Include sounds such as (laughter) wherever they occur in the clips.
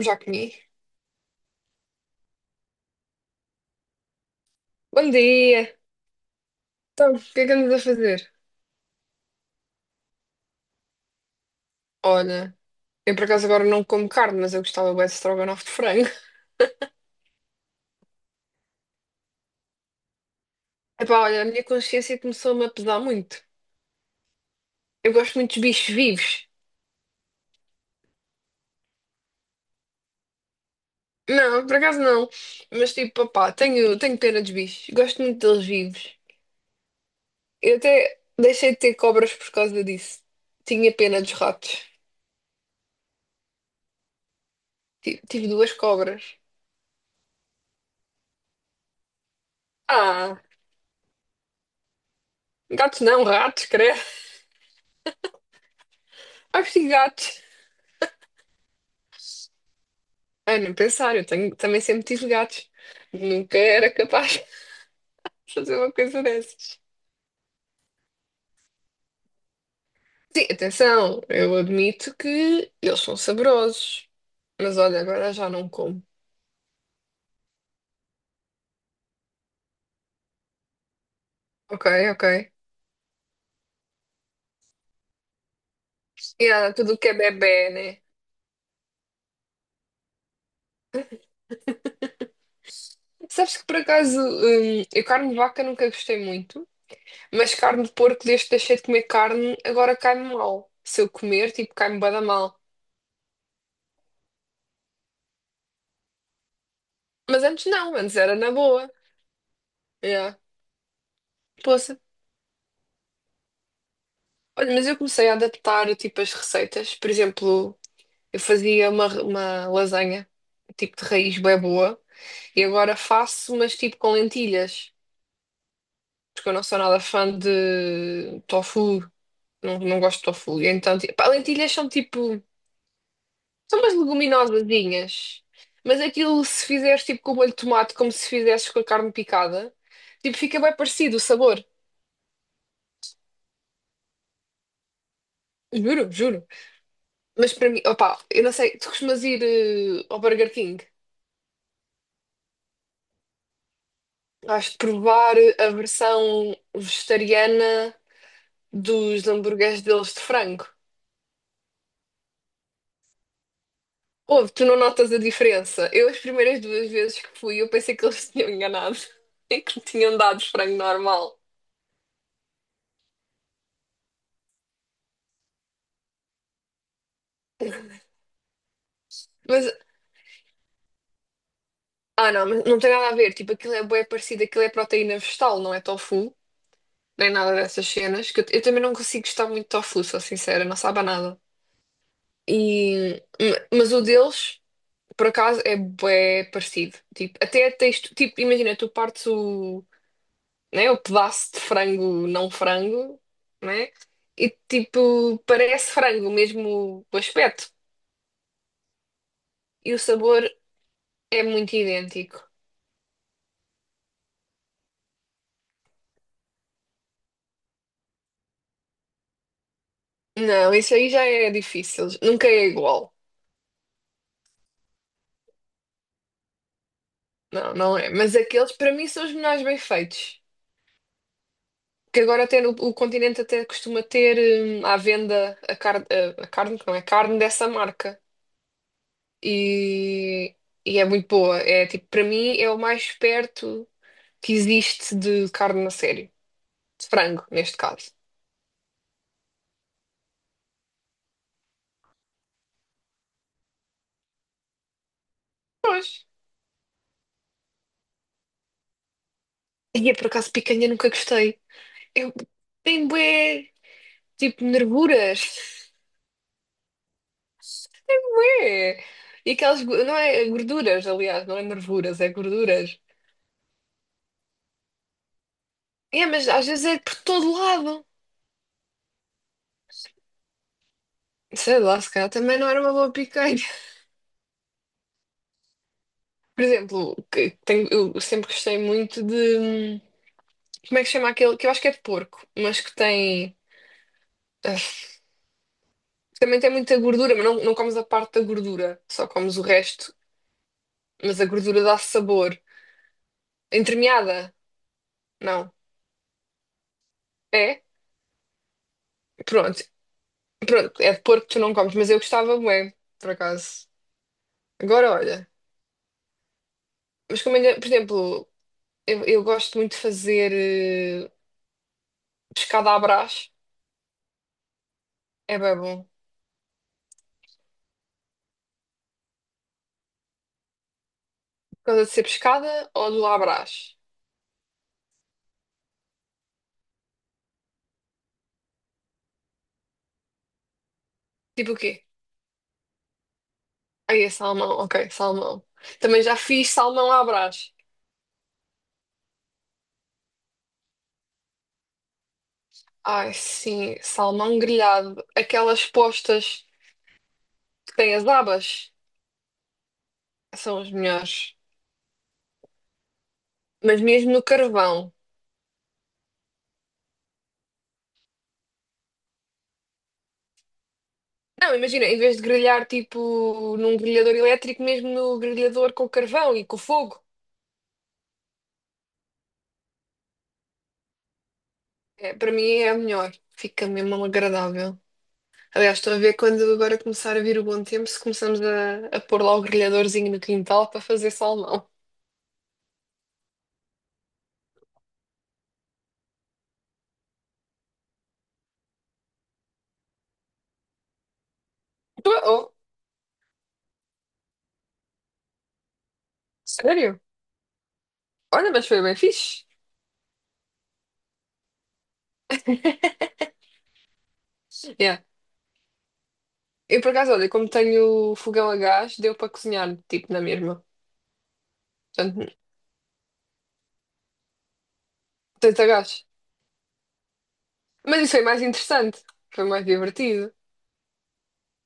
Já comi. Bom dia! Então, o que é que andas a fazer? Olha, eu por acaso agora não como carne, mas eu gostava bué de estrogonofe de frango. (laughs) Epá, olha, a minha consciência começou-me a pesar muito. Eu gosto muito dos bichos vivos. Não, por acaso não. Mas tipo, papá, tenho pena dos bichos. Gosto muito deles vivos. Eu até deixei de ter cobras por causa disso. Tinha pena dos ratos. Tive duas cobras. Ah, gatos não, ratos, credo. Acho que gatos. Ah, nem pensar, também sempre tive gatos. Nunca era capaz (laughs) de fazer uma coisa dessas. Sim, atenção, eu admito que eles são saborosos. Mas olha, agora já não como. Ok, ok. E há tudo o que é bebé, né? Sabes que por acaso, eu carne de vaca nunca gostei muito, mas carne de porco, desde que deixei de comer carne, agora cai-me mal. Se eu comer, tipo, cai-me bué da mal. Mas antes não, antes era na boa. Yeah. Poça. Olha, mas eu comecei a adaptar, tipo, as receitas. Por exemplo. Eu fazia uma lasanha, tipo de raiz bem boa, e agora faço, mas tipo com lentilhas, porque eu não sou nada fã de tofu, não gosto de tofu. E então, tipo, pá, lentilhas são tipo, são umas leguminosazinhas, mas aquilo se fizeres tipo com o molho de tomate, como se fizesses com a carne picada, tipo, fica bem parecido o sabor. Juro, juro. Mas para mim, opá, eu não sei, tu costumas ir ao Burger King? Acho de provar a versão vegetariana dos hambúrgueres deles de frango. Ouve, tu não notas a diferença? Eu, as primeiras duas vezes que fui, eu pensei que eles (laughs) se tinham enganado (laughs) e que me tinham dado frango normal. Mas, ah não, mas não tem nada a ver. Tipo, aquilo é bué parecido, aquilo é proteína vegetal, não é tofu, nem nada dessas cenas. Que eu também não consigo gostar muito de tofu, sou sincera, não sabe a nada. E, mas o deles, por acaso, é bué parecido. Tipo, até tens, tipo, imagina, tu partes o né? O pedaço de frango não frango, né? E tipo, parece frango mesmo o aspecto. E o sabor é muito idêntico. Não, isso aí já é difícil. Nunca é igual. Não, não é. Mas aqueles para mim são os melhores bem feitos. Que agora até no, o continente até costuma ter à venda a carne, a carne, não é carne dessa marca. E, e é muito boa. É tipo, para mim é o mais perto que existe de carne a sério. De frango, neste caso. Pois. E eu, por acaso, picanha nunca gostei. Eu tenho bué, tipo, nervuras. É. E aquelas, gorduras, aliás, não é nervuras, é gorduras. É, mas às vezes é por todo lado. Sei lá, se calhar também não era uma boa picanha. (laughs) Por exemplo, que tenho, eu sempre gostei muito de... Como é que se chama aquele? Que eu acho que é de porco, mas que tem... ah, Também tem muita gordura, mas não comes a parte da gordura, só comes o resto. Mas a gordura dá sabor. Entremeada? Não. É? Pronto. Pronto, é de porco que tu não comes, mas eu gostava bué, por acaso. Agora olha. Mas como ainda, por exemplo, eu gosto muito de fazer eh, pescada à brás. É bem bom. Por causa de ser pescada ou do à brás? Tipo o quê? Aí é salmão, ok, salmão. Também já fiz salmão à brás. Ai, sim, salmão grelhado. Aquelas postas que têm as abas são as melhores. Mas mesmo no carvão. Não, imagina, em vez de grelhar tipo num grelhador elétrico, mesmo no grelhador com carvão e com fogo, é, para mim é a melhor. Fica mesmo agradável. Aliás, estou a ver quando agora começar a vir o bom tempo, se começamos a pôr lá o grelhadorzinho no quintal para fazer salmão. (laughs) Oh, oh, sério? Olha, mas foi bem fixe. Yeah. Eu, por acaso, olha, como tenho fogão a gás, deu para cozinhar, tipo, na mesma. Portanto, tanto a gás. Mas isso foi mais interessante. Foi mais divertido.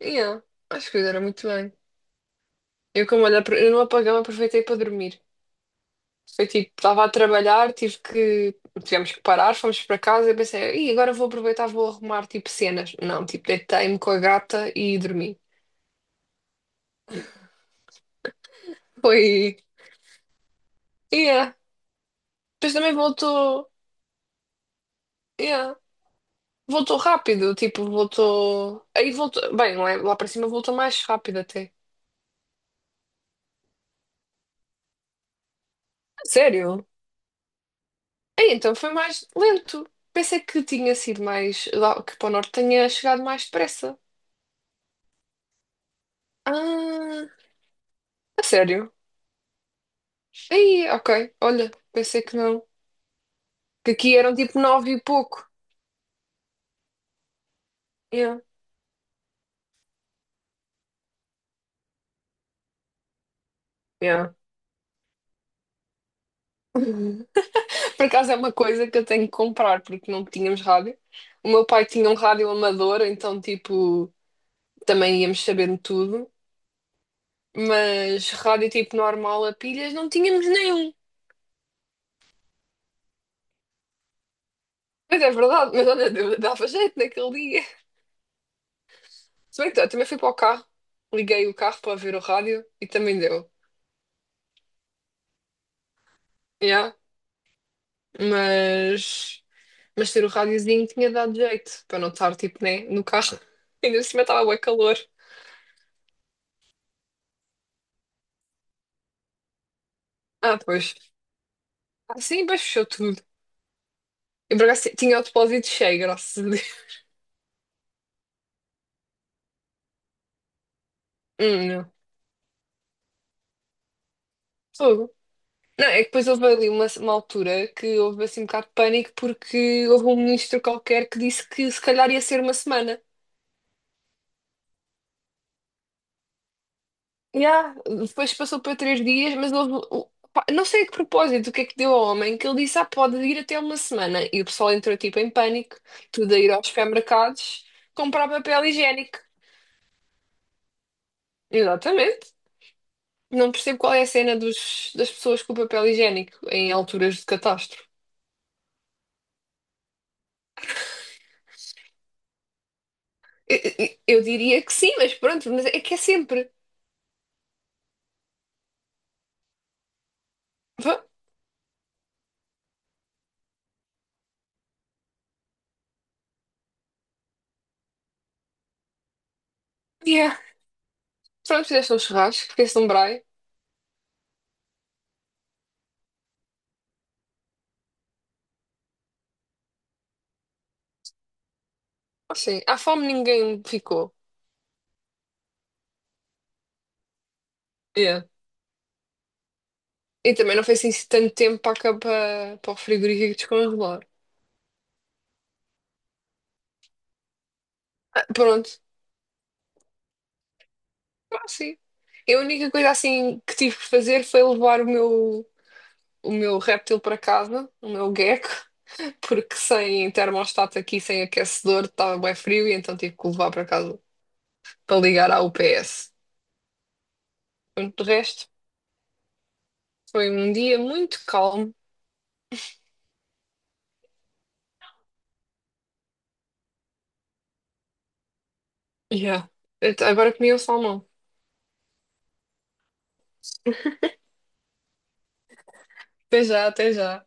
Yeah. Acho que era muito bem. Eu, como olha, eu no apagão aproveitei para dormir. Foi tipo, estava a trabalhar, tivemos que parar, fomos para casa e pensei, e agora vou aproveitar, vou arrumar tipo cenas. Não, tipo, deitei-me com a gata e dormi. Foi, yeah. Depois também voltou, yeah. Voltou rápido, tipo, voltou. Aí voltou, bem, não é? Lá para cima voltou mais rápido até. Sério? Aí então foi mais lento. Pensei que tinha sido mais, que para o norte tinha chegado mais depressa. Ah, a sério? Aí, ok. Olha, pensei que não. Que aqui eram tipo nove e pouco. Yeah, yeah. (laughs) Por acaso é uma coisa que eu tenho que comprar, porque não tínhamos rádio. O meu pai tinha um rádio amador, então, tipo, também íamos sabendo tudo. Mas rádio, tipo, normal a pilhas, não tínhamos nenhum. Mas é verdade, mas olha, dava jeito naquele dia. Se bem que eu também fui para o carro, liguei o carro para ver o rádio e também deu. Yeah. Mas. Mas ter o rádiozinho tinha dado jeito, para não estar, tipo, né, no carro. (laughs) Ainda por cima estava bué calor. Ah, pois. Ah, sim, mas fechou tudo. Eu, por acaso, tinha o depósito cheio, graças a Deus. (laughs) Não. Fogo. Não, é que depois houve ali uma altura que houve assim um bocado de pânico porque houve um ministro qualquer que disse que se calhar ia ser uma semana. Yeah. Depois passou para três dias, mas houve. Não sei a que propósito, o que é que deu ao homem, que ele disse, ah, pode ir até uma semana. E o pessoal entrou tipo em pânico, tudo a ir aos supermercados comprar papel higiênico. Exatamente. Não percebo qual é a cena dos, das pessoas com papel higiênico em alturas de catástrofe. Eu diria que sim, mas pronto, mas é que é sempre. Va- Yeah. Pronto, fizeste um churrasco, fizeste um braai. Assim, à fome ninguém ficou. E também não foi assim tanto tempo para, cá, para, para o frigorífico descongelar. Ah, pronto, ah, sim. E a única coisa assim que tive que fazer foi levar o meu réptil para casa, o meu gecko, (laughs) porque sem termostato aqui, sem aquecedor, estava bem frio e então tive que o levar para casa para ligar à UPS. Pronto, de resto, foi um dia muito calmo. Yeah. Então, agora comi o salmão. Até já, até já.